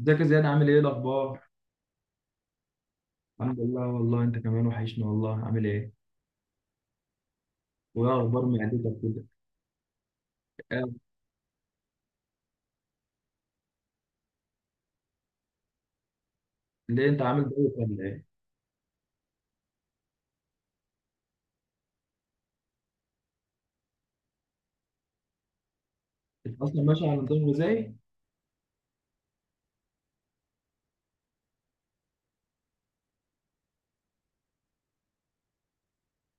ازيك يا زياد؟ عامل ايه الاخبار؟ الحمد لله والله، انت كمان وحشني والله. عامل ايه؟ وايه اخبار معدتك كده؟ آه. ليه انت عامل دايت ولا ايه؟ انت اصلا ماشي على نظام غذائي؟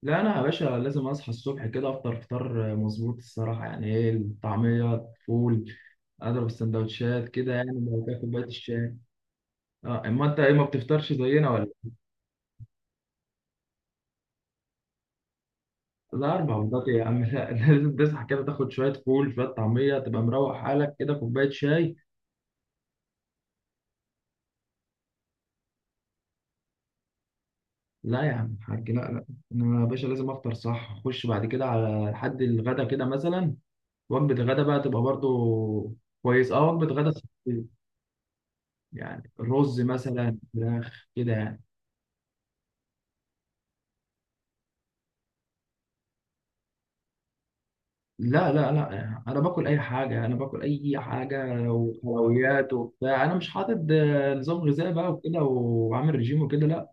لا انا يا باشا لازم اصحى الصبح كده افطر فطار مظبوط الصراحه. يعني ايه، الطعميه، فول، اضرب السندوتشات كده، يعني لو كده كوبايه الشاي. اه، اما انت ايه، ما بتفطرش زينا ولا؟ إيه؟ لا 4 بيضات ايه يا عم؟ لا لازم تصحى كده تاخد شويه فول شويه طعميه تبقى مروق حالك كده كوبايه شاي. لا يا عم الحاج، لا لا. انا يا باشا لازم افطر صح، اخش بعد كده على لحد الغدا كده مثلا. وجبه الغدا بقى تبقى برضو كويس. اه، وجبه غدا صحية. يعني رز مثلا فراخ كده يعني. لا لا لا، يعني انا باكل اي حاجه، انا باكل اي حاجه وحلويات وبتاع، انا مش حاطط نظام غذائي بقى وكده، وعامل رجيم وكده، لا.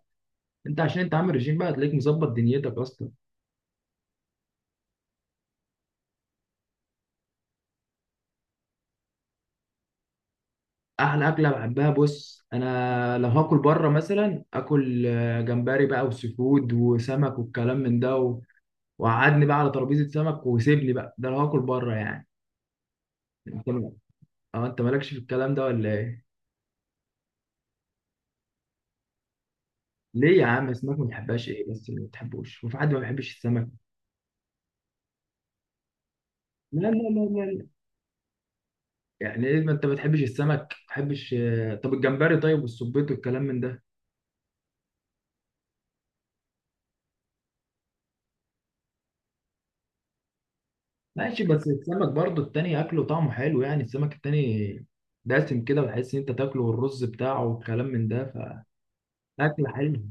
انت عشان انت عامل رجيم بقى هتلاقيك مظبط دنيتك اصلا. احلى اكله بحبها، بص انا لو هاكل بره مثلا اكل جمبري بقى وسيفود وسمك والكلام من ده، وقعدني بقى على ترابيزه سمك وسيبني بقى، ده لو هاكل بره يعني. انت م- اه، انت مالكش في الكلام ده ولا ايه؟ ليه يا عم؟ السمك ما بتحبهاش؟ ايه بس اللي ما بتحبوش؟ وفي حد ما بيحبش السمك؟ لا لا لا لا لا. يعني ايه ما انت ما بتحبش السمك، ما بتحبش طب الجمبري طيب والسبيط والكلام من ده؟ ماشي، بس السمك برضو التاني اكله طعمه حلو، يعني السمك التاني دسم كده وتحس ان انت تاكله والرز بتاعه والكلام من ده، فاكل حلو.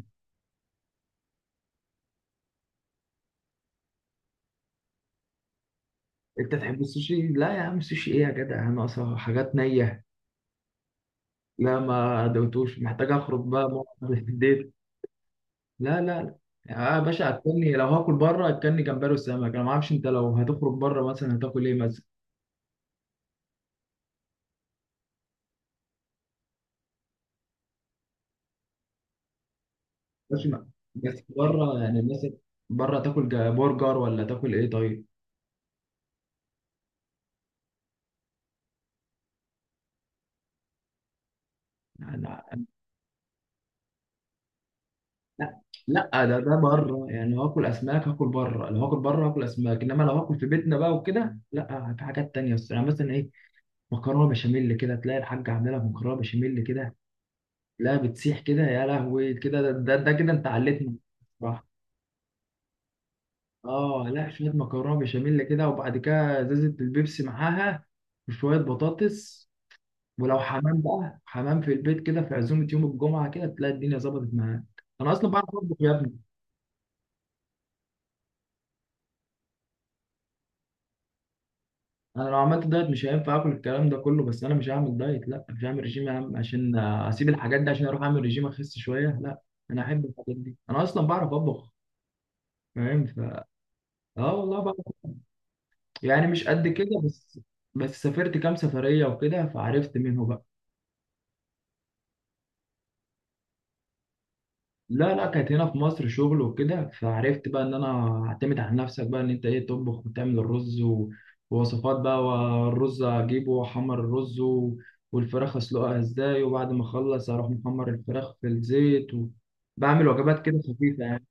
انت تحب السوشي؟ لا يا عم السوشي ايه يا جدع، انا اصلا حاجات نية. لا ما دوتوش، محتاج اخرج بقى. مع الديت؟ لا لا لا. آه يا باشا، اكلني لو هاكل بره اكلني جمبري وسمك. انا ما اعرفش انت لو هتخرج بره مثلا هتاكل ايه مثلا؟ بس بس بره يعني مثلا، بره تاكل برجر ولا تاكل ايه طيب؟ يعني، لا لا، ده بره، يعني لو هاكل اسماك هاكل بره، لو هاكل بره هاكل اسماك، انما لو هاكل في بيتنا بقى وكده، لا، في حاجات تانية بس، يعني مثلا ايه، مكرونه بشاميل كده، تلاقي الحاجه عامله لك مكرونه بشاميل كده. لا، بتسيح كده يا لهوي كده، ده كده انت علتني. صح. اه لا، شويه مكرونه بشاميل كده، وبعد كده ازازه البيبسي معاها، وشويه بطاطس. ولو حمام بقى، حمام في البيت كده، في عزومه يوم الجمعه كده، تلاقي الدنيا ظبطت معاك. انا اصلا بعرف اطبخ يا ابني. انا لو عملت دايت مش هينفع اكل الكلام ده كله. بس انا مش هعمل دايت، لا مش هعمل رجيم يا عم عشان اسيب الحاجات دي، عشان اروح اعمل رجيم اخس شويه، لا. انا احب الحاجات دي، انا اصلا بعرف اطبخ. فاهم. اه والله بعرف، يعني مش قد كده بس. بس سافرت كام سفريه وكده فعرفت منه بقى. لا لا، كانت هنا في مصر شغل وكده، فعرفت بقى ان انا اعتمد على نفسك بقى، ان انت ايه تطبخ وتعمل الرز، ووصفات بقى، والرز اجيبه واحمر الرز، والفراخ اسلقها ازاي، وبعد ما اخلص اروح محمر الفراخ في الزيت بعمل وجبات كده خفيفة يعني.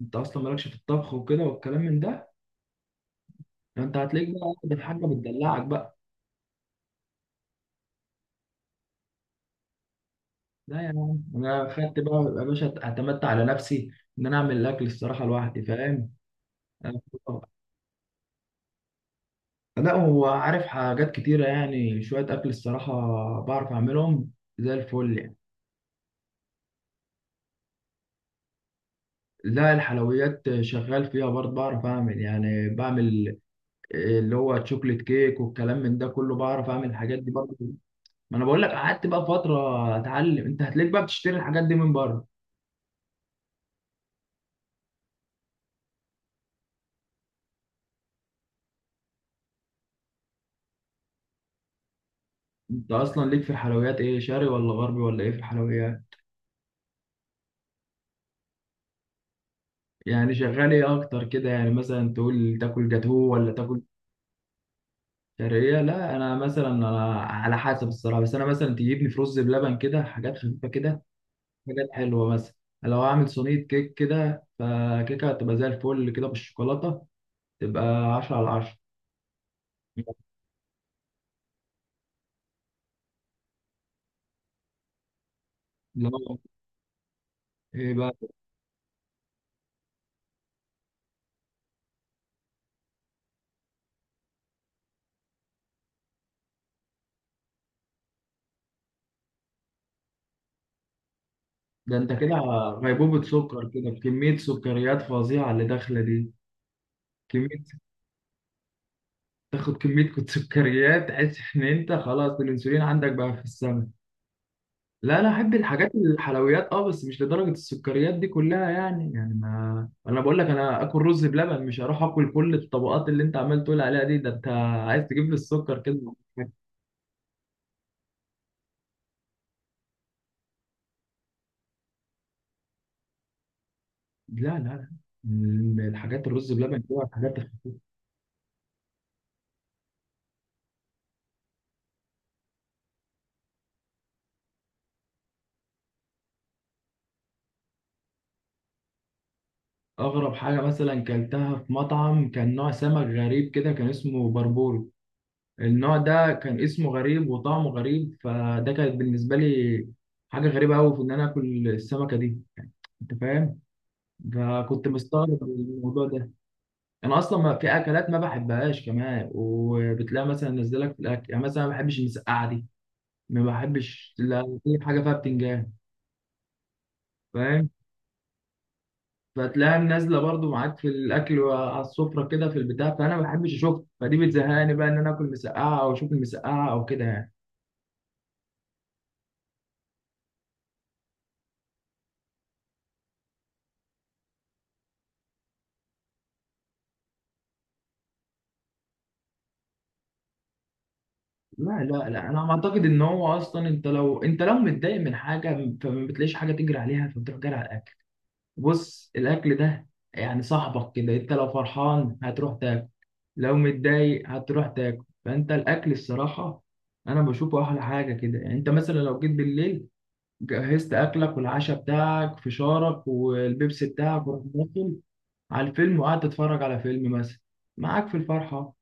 انت اصلا مالكش في الطبخ وكده والكلام من ده؟ يعني انت هتلاقيك بقى قاعد الحاجة بتدلعك بقى. لا يا عم، انا خدت بقى يا باشا، اعتمدت على نفسي ان انا اعمل الاكل الصراحة لوحدي. فاهم؟ لا هو عارف حاجات كتيرة، يعني شوية أكل الصراحة بعرف أعملهم، زي الفل يعني. لا الحلويات شغال فيها برضه، بعرف أعمل يعني، بعمل اللي هو تشوكليت كيك والكلام من ده كله، بعرف أعمل الحاجات دي برضه. ما أنا بقول لك، قعدت بقى فترة أتعلم. أنت هتلاقيك بقى بتشتري الحاجات دي من بره. أنت أصلا ليك في الحلويات إيه، شرقي ولا غربي ولا إيه في الحلويات؟ يعني شغال إيه أكتر كده، يعني مثلا تقول تاكل جاتوه ولا تاكل شرقية؟ لا أنا مثلا، أنا على حسب الصراحة، بس أنا مثلا تجيبني في رز بلبن كده، حاجات خفيفة كده، حاجات حلوة مثلا. لو أعمل صينية كيك كده، فكيكة هتبقى زي الفل كده بالشوكولاتة، تبقى 10/10. اللي هو إيه بقى، ده أنت كده غيبوبة سكر كده، بكمية سكريات فظيعة اللي داخلة دي. كمية، تاخد كمية سكريات تحس إن أنت خلاص الأنسولين عندك بقى في السما. لا انا احب الحاجات الحلويات اه، بس مش لدرجه السكريات دي كلها. يعني ما انا بقول لك، انا اكل رز بلبن، مش هروح اكل كل الطبقات اللي انت عمال تقول عليها دي. ده انت عايز تجيب لي السكر كده، لا لا لا. من الحاجات الرز بلبن دي، الحاجات، اغرب حاجه مثلا كلتها في مطعم كان نوع سمك غريب كده، كان اسمه بربورو. النوع ده كان اسمه غريب وطعمه غريب، فده كانت بالنسبه لي حاجه غريبه قوي في ان انا اكل السمكه دي. انت فاهم، فكنت مستغرب من الموضوع ده. انا اصلا ما في اكلات ما بحبهاش كمان، وبتلاقي مثلا نزلك في الاكل، يعني مثلا ما بحبش المسقعه دي، ما بحبش لا اي حاجه فيها بتنجان. فاهم؟ فتلاقيها نازله برضو معاك في الاكل وعلى السفره كده في البتاع، فانا ما بحبش اشوفها، فدي بتزهقني بقى ان انا اكل مسقعه او اشوف المسقعه او كده يعني. لا لا لا، انا اعتقد ان هو اصلا انت لو متضايق من حاجه فما بتلاقيش حاجه تجري عليها، فبتروح جري على الاكل. بص الاكل ده يعني صاحبك كده، انت لو فرحان هتروح تاكل، لو متضايق هتروح تاكل، فانت الاكل الصراحه انا بشوفه احلى حاجه كده. يعني انت مثلا لو جيت بالليل، جهزت اكلك والعشاء بتاعك، فشارك والبيبسي بتاعك، ورحت داخل على الفيلم وقعدت تتفرج على فيلم مثلا معاك في الفرحه.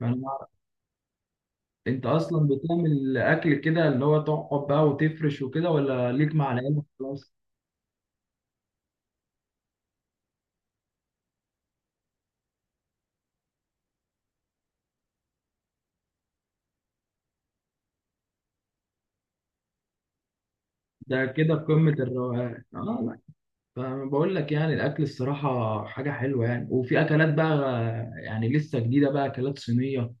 فأنا مع- انت اصلا بتعمل اكل كده اللي هو تقعد بقى وتفرش وكده، ولا ليك مع العيله خلاص؟ ده كده في قمه الروقان. اه لا، فبقول لك يعني الاكل الصراحه حاجه حلوه. يعني وفي اكلات بقى، يعني لسه جديده بقى، اكلات صينيه،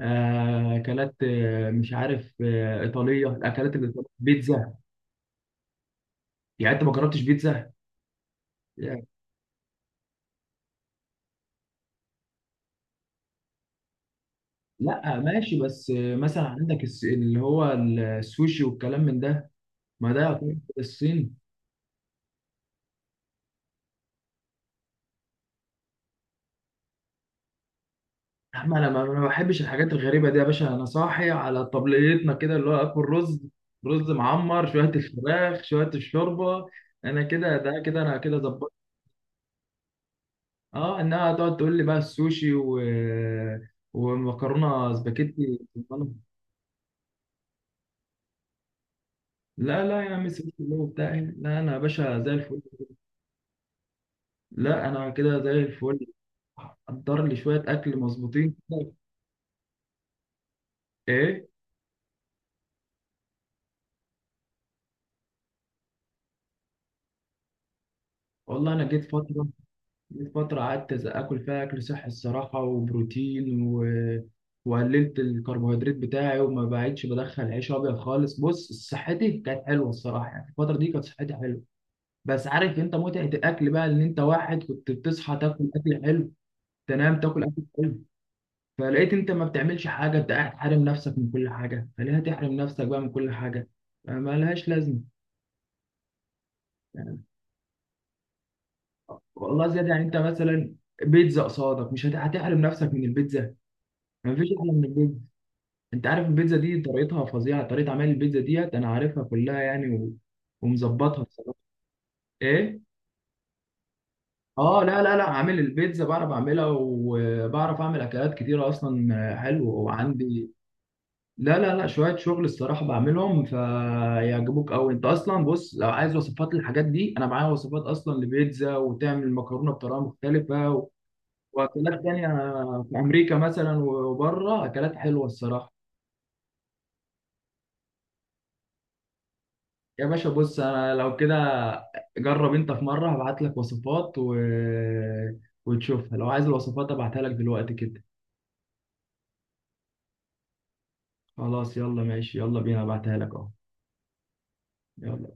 اكلات مش عارف ايطاليه، الاكلات الايطاليه، بيتزا. يعني انت ما جربتش بيتزا يعني؟ لا ماشي، بس مثلا عندك اللي هو السوشي والكلام من ده. ما ده يعتبر الصين. يا عم انا ما بحبش الحاجات الغريبه دي يا باشا. انا صاحي على طبليتنا كده، اللي هو اكل رز، رز معمر شويه، الفراخ، شويه الشوربه، انا كده، ده كده انا كده ظبطت. اه، انها تقعد تقول لي بقى السوشي ومكرونه سباكيتي. لا لا يا عم، السوشي اللي هو بتاعي، لا، انا يا باشا زي الفل. لا انا كده زي الفل. قدر لي شويه اكل مظبوطين كده. ايه والله، انا جيت فتره، جيت فترة قعدت آكل فيها أكل صحي الصراحة، وبروتين، وقللت الكربوهيدرات بتاعي، وما بقتش بدخل عيش أبيض خالص. بص صحتي كانت حلوة الصراحة، يعني الفترة دي كانت صحتي حلوة. بس عارف أنت متعة الأكل بقى؟ إن أنت واحد كنت بتصحى تاكل أكل حلو، تنام تاكل أكل حلو، فلقيت أنت ما بتعملش حاجة، أنت قاعد حارم نفسك من كل حاجة. فليه هتحرم نفسك بقى من كل حاجة؟ ملهاش لازمة. والله زيادة يعني، أنت مثلا بيتزا قصادك، مش هتحرم نفسك من البيتزا. مفيش أحلى من البيتزا. انت عارف البيتزا دي طريقتها فظيعه، طريقه عمل البيتزا ديت انا عارفها كلها يعني، ومظبطها بصراحه. ايه، اه لا لا لا، عامل البيتزا، بعرف اعملها، وبعرف اعمل اكلات كتيره اصلا حلوه، وعندي، لا لا لا، شويه شغل الصراحه بعملهم فيعجبوك قوي. انت اصلا بص لو عايز وصفات للحاجات دي، انا معايا وصفات اصلا لبيتزا، وتعمل مكرونه بطريقه مختلفه، واكلات تانية في امريكا مثلا وبره، اكلات حلوه الصراحه. يا باشا بص، انا لو كده، جرب انت، في مره هبعت لك وصفات وتشوفها. لو عايز الوصفات ابعتها لك دلوقتي كده. خلاص يلا ماشي، يلا بينا ابعتها لك اهو. يلا.